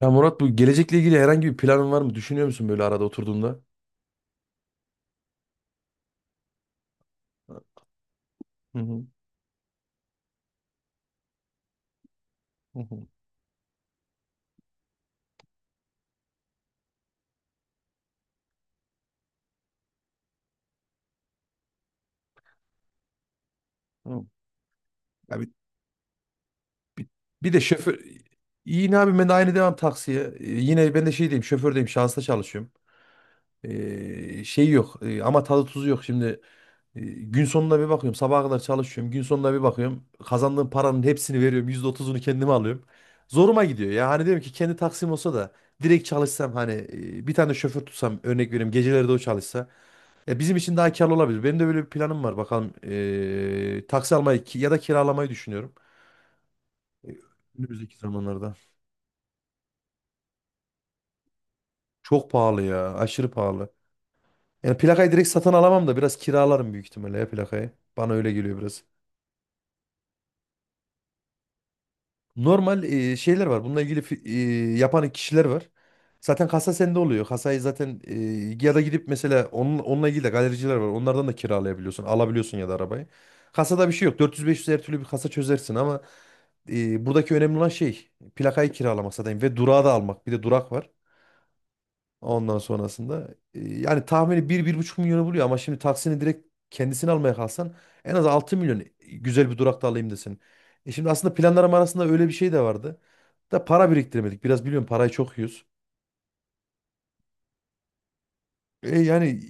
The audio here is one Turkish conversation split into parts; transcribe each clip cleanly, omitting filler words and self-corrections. Ya Murat bu gelecekle ilgili herhangi bir planın var mı? Düşünüyor musun böyle arada oturduğunda? Hı hı, hı hı, hı. Ya bir, bir de şoför... Yine abi ben de aynı devam taksiye. Yine ben de şey diyeyim şofördeyim şansa çalışıyorum. Şey yok ama tadı tuzu yok şimdi. Gün sonuna bir bakıyorum sabaha kadar çalışıyorum. Gün sonuna bir bakıyorum kazandığım paranın hepsini veriyorum. %30'unu kendime alıyorum. Zoruma gidiyor ya hani diyorum ki kendi taksim olsa da direkt çalışsam hani bir tane şoför tutsam örnek vereyim geceleri de o çalışsa. Bizim için daha karlı olabilir. Benim de böyle bir planım var. Bakalım taksi almayı ya da kiralamayı düşünüyorum. E, Önümüzdeki zamanlarda. Çok pahalı ya. Aşırı pahalı. Yani plakayı direkt satın alamam da biraz kiralarım büyük ihtimalle ya plakayı. Bana öyle geliyor biraz. Normal şeyler var. Bununla ilgili yapan kişiler var. Zaten kasa sende oluyor. Kasayı zaten ya da gidip mesela onun, onunla ilgili de galericiler var. Onlardan da kiralayabiliyorsun, alabiliyorsun ya da arabayı. Kasada bir şey yok. 400-500 her türlü bir kasa çözersin, ama buradaki önemli olan şey plakayı kiralamak zaten ve durağı da almak. Bir de durak var. Ondan sonrasında yani tahmini bir bir buçuk milyonu buluyor, ama şimdi taksini direkt kendisini almaya kalsan en az 6 milyon güzel bir durakta alayım desin. Şimdi aslında planlarım arasında öyle bir şey de vardı. Da para biriktiremedik. Biraz biliyorum, parayı çok yiyoruz. Yani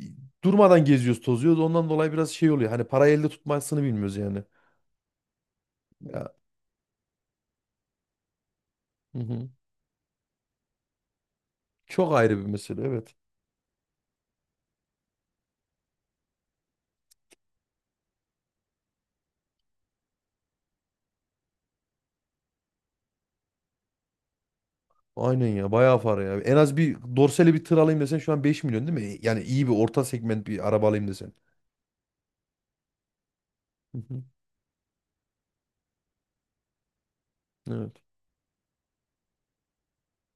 durmadan geziyoruz, tozuyoruz. Ondan dolayı biraz şey oluyor. Hani parayı elde tutmasını bilmiyoruz yani. Ya, hı hı. Çok ayrı bir mesele, evet. Aynen ya, bayağı para ya. En az bir dorsali bir tır alayım desen şu an 5 milyon, değil mi? Yani iyi bir orta segment bir araba alayım desen. Hı hı. Evet.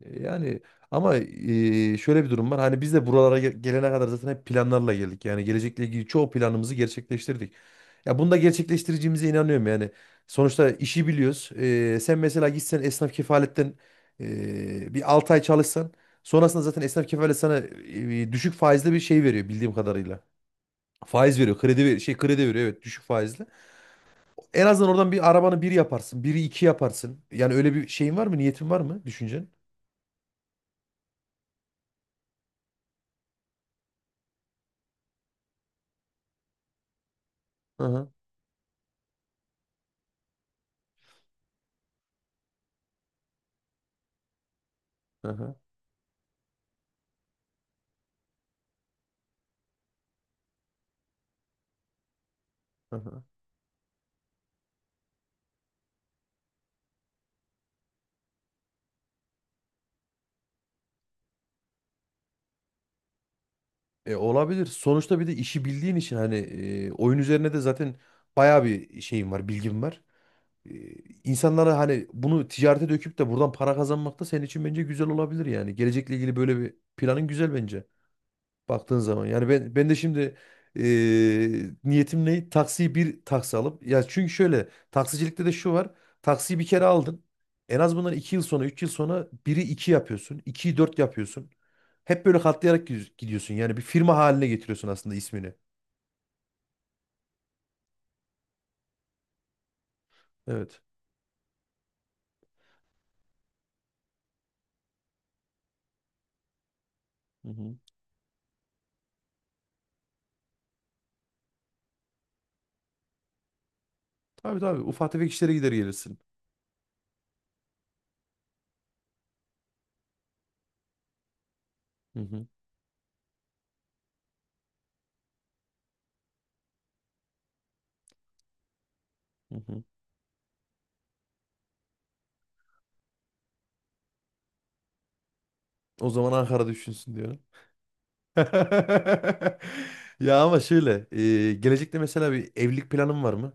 Yani ama şöyle bir durum var. Hani biz de buralara gelene kadar zaten hep planlarla geldik. Yani gelecekle ilgili çoğu planımızı gerçekleştirdik. Ya bunu da gerçekleştireceğimize inanıyorum yani. Sonuçta işi biliyoruz. Sen mesela gitsen esnaf kefaletten bir 6 ay çalışsan, sonrasında zaten esnaf kefalet sana düşük faizli bir şey veriyor bildiğim kadarıyla. Faiz veriyor. Kredi ver şey kredi veriyor, evet, düşük faizli. En azından oradan bir arabanı bir yaparsın. Biri iki yaparsın. Yani öyle bir şeyin var mı? Niyetin var mı? Düşüncen? Hı hı. Hı hı. Hı hı. Olabilir. Sonuçta bir de işi bildiğin için hani oyun üzerine de zaten bayağı bir şeyim var, bilgim var. E, insanlara hani bunu ticarete döküp de buradan para kazanmak da senin için bence güzel olabilir yani. Gelecekle ilgili böyle bir planın güzel bence. Baktığın zaman yani ben de şimdi e, niyetim ne? Taksiyi bir taksi alıp, ya çünkü şöyle taksicilikte de şu var. Taksiyi bir kere aldın. En az bundan 2 yıl sonra, 3 yıl sonra biri 2 yapıyorsun. 2'yi 4 yapıyorsun. Hep böyle katlayarak gidiyorsun. Yani bir firma haline getiriyorsun aslında ismini. Evet. Hı hı. Tabii, tabii, ufak tefek işlere gider gelirsin. Hı hı. Hı hı. O zaman Ankara düşünsün diyorum. Ya ama şöyle gelecekte mesela bir evlilik planın var mı?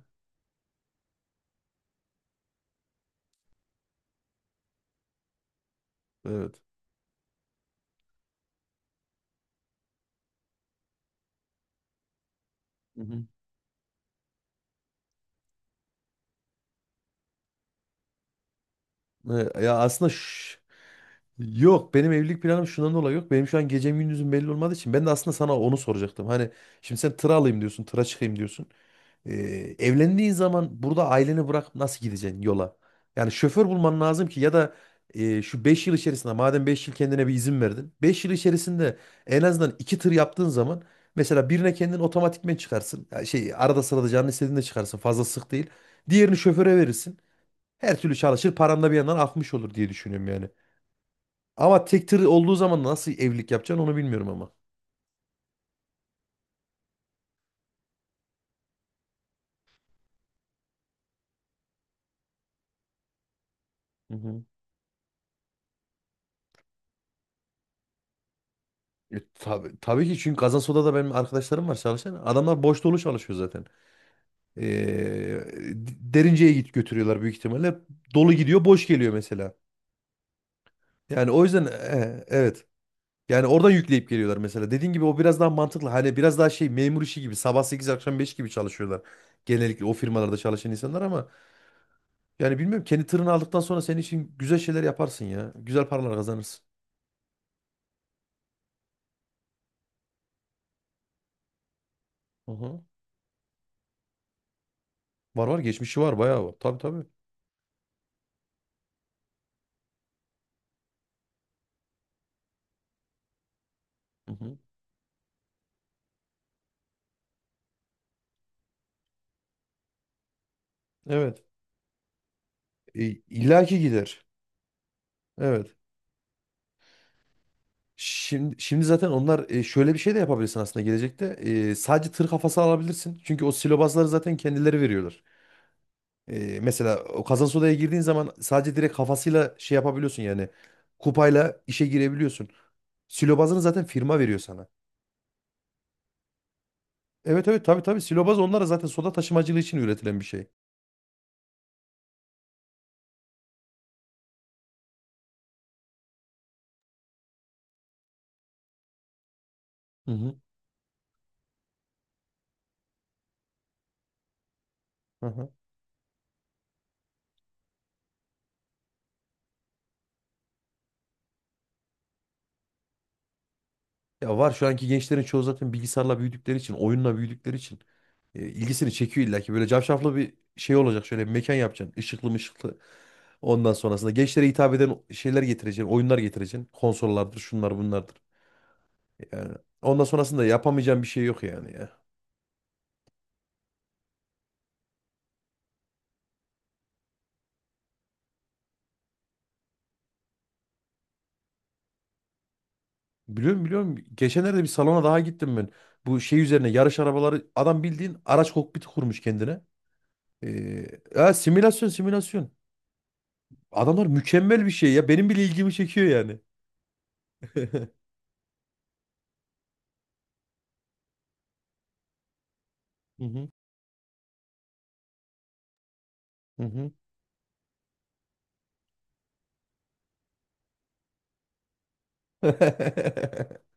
Evet. Ya aslında yok, benim evlilik planım şundan dolayı yok. Benim şu an gecem gündüzüm belli olmadığı için ben de aslında sana onu soracaktım. Hani şimdi sen tıra alayım diyorsun, tıra çıkayım diyorsun. Ee, evlendiğin zaman burada aileni bırakıp nasıl gideceksin yola? Yani şoför bulman lazım ki, ya da şu 5 yıl içerisinde, madem 5 yıl kendine bir izin verdin. 5 yıl içerisinde en azından 2 tır yaptığın zaman mesela birine kendin otomatikmen çıkarsın. Ya şey, arada sırada canın istediğinde çıkarsın, fazla sık değil. Diğerini şoföre verirsin. Her türlü çalışır, param da bir yandan akmış olur diye düşünüyorum yani. Ama tek tır olduğu zaman nasıl evlilik yapacaksın onu bilmiyorum ama. Hı hı. Tabii, tabii ki, çünkü Kazansoda'da benim arkadaşlarım var çalışan. Adamlar boş dolu çalışıyor zaten. Ee, derince'ye git götürüyorlar büyük ihtimalle. Dolu gidiyor, boş geliyor mesela. Yani o yüzden evet. Yani oradan yükleyip geliyorlar mesela. Dediğin gibi o biraz daha mantıklı. Hani biraz daha şey, memur işi gibi sabah 8 akşam 5 gibi çalışıyorlar. Genellikle o firmalarda çalışan insanlar, ama yani bilmiyorum, kendi tırını aldıktan sonra senin için güzel şeyler yaparsın ya. Güzel paralar kazanırsın. Hı hı. Var var, geçmişi var, bayağı var. Tabii tabii. Hı hı. Evet. E, illa ki gider. Evet. Şimdi, şimdi zaten onlar şöyle bir şey de yapabilirsin aslında gelecekte. Sadece tır kafası alabilirsin. Çünkü o silobazları zaten kendileri veriyorlar. Mesela o kazans odaya girdiğin zaman sadece direkt kafasıyla şey yapabiliyorsun yani. Kupayla işe girebiliyorsun. Silobazını zaten firma veriyor sana. Evet, evet, tabii, tabii, silobaz onlara zaten soda taşımacılığı için üretilen bir şey. Hı hı. Hı hı. Ya var, şu anki gençlerin çoğu zaten bilgisayarla büyüdükleri için, oyunla büyüdükleri için ilgisini çekiyor illa ki. Böyle cafcaflı bir şey olacak. Şöyle bir mekan yapacaksın. Işıklı mışıklı. Ondan sonrasında gençlere hitap eden şeyler getireceksin. Oyunlar getireceksin. Konsollardır, şunlar bunlardır. Yani ondan sonrasında yapamayacağım bir şey yok yani ya. Biliyorum, biliyorum. Geçenlerde bir salona daha gittim ben. Bu şey üzerine yarış arabaları, adam bildiğin araç kokpiti kurmuş kendine. Ee, Ya simülasyon, simülasyon. Adamlar mükemmel bir şey ya. Benim bile ilgimi çekiyor yani. Hı hı. Hı hı.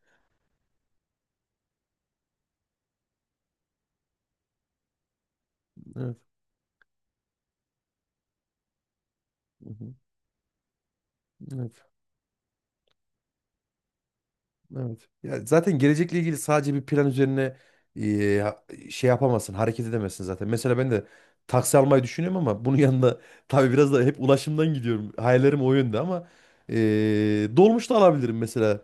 Evet. Hı hı. Evet. Evet. Ya zaten gelecekle ilgili sadece bir plan üzerine şey yapamazsın, hareket edemezsin zaten. Mesela ben de taksi almayı düşünüyorum, ama bunun yanında tabii biraz da hep ulaşımdan gidiyorum. Hayallerim o yönde, ama e, dolmuş da alabilirim mesela.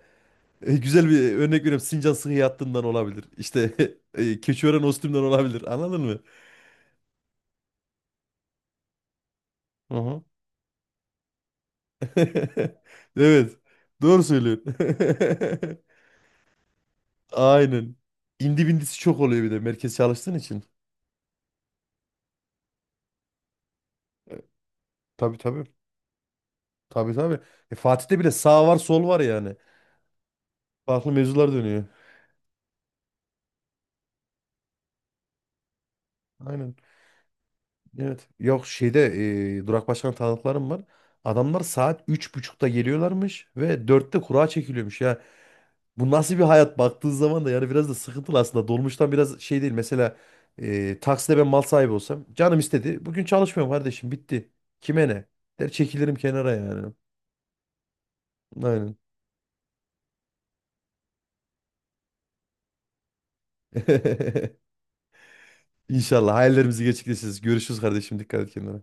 Güzel bir örnek veriyorum. Sincan Sıhhiye Hattı'ndan olabilir. İşte Keçiören Ostüm'den olabilir. Anladın mı? Hı hı. Evet. Doğru söylüyorsun. Aynen. İndi bindisi çok oluyor, bir de merkez çalıştığın için. E, Tabii, tabii. Tabii, tabii. Fatih'te bile sağ var sol var yani. Farklı mevzular dönüyor. Aynen. Evet. Yok, şeyde Durak Başkan tanıklarım var. Adamlar saat 3.30'da geliyorlarmış ve 4'te kura çekiliyormuş ya. Bu nasıl bir hayat, baktığın zaman da yani biraz da sıkıntılı aslında. Dolmuştan biraz şey değil. Mesela Taksim'de ben mal sahibi olsam canım istedi. Bugün çalışmıyorum kardeşim, bitti. Kime ne? Der, çekilirim kenara yani. Aynen. İnşallah hayallerimizi gerçekleştiririz. Görüşürüz kardeşim. Dikkat et kendine.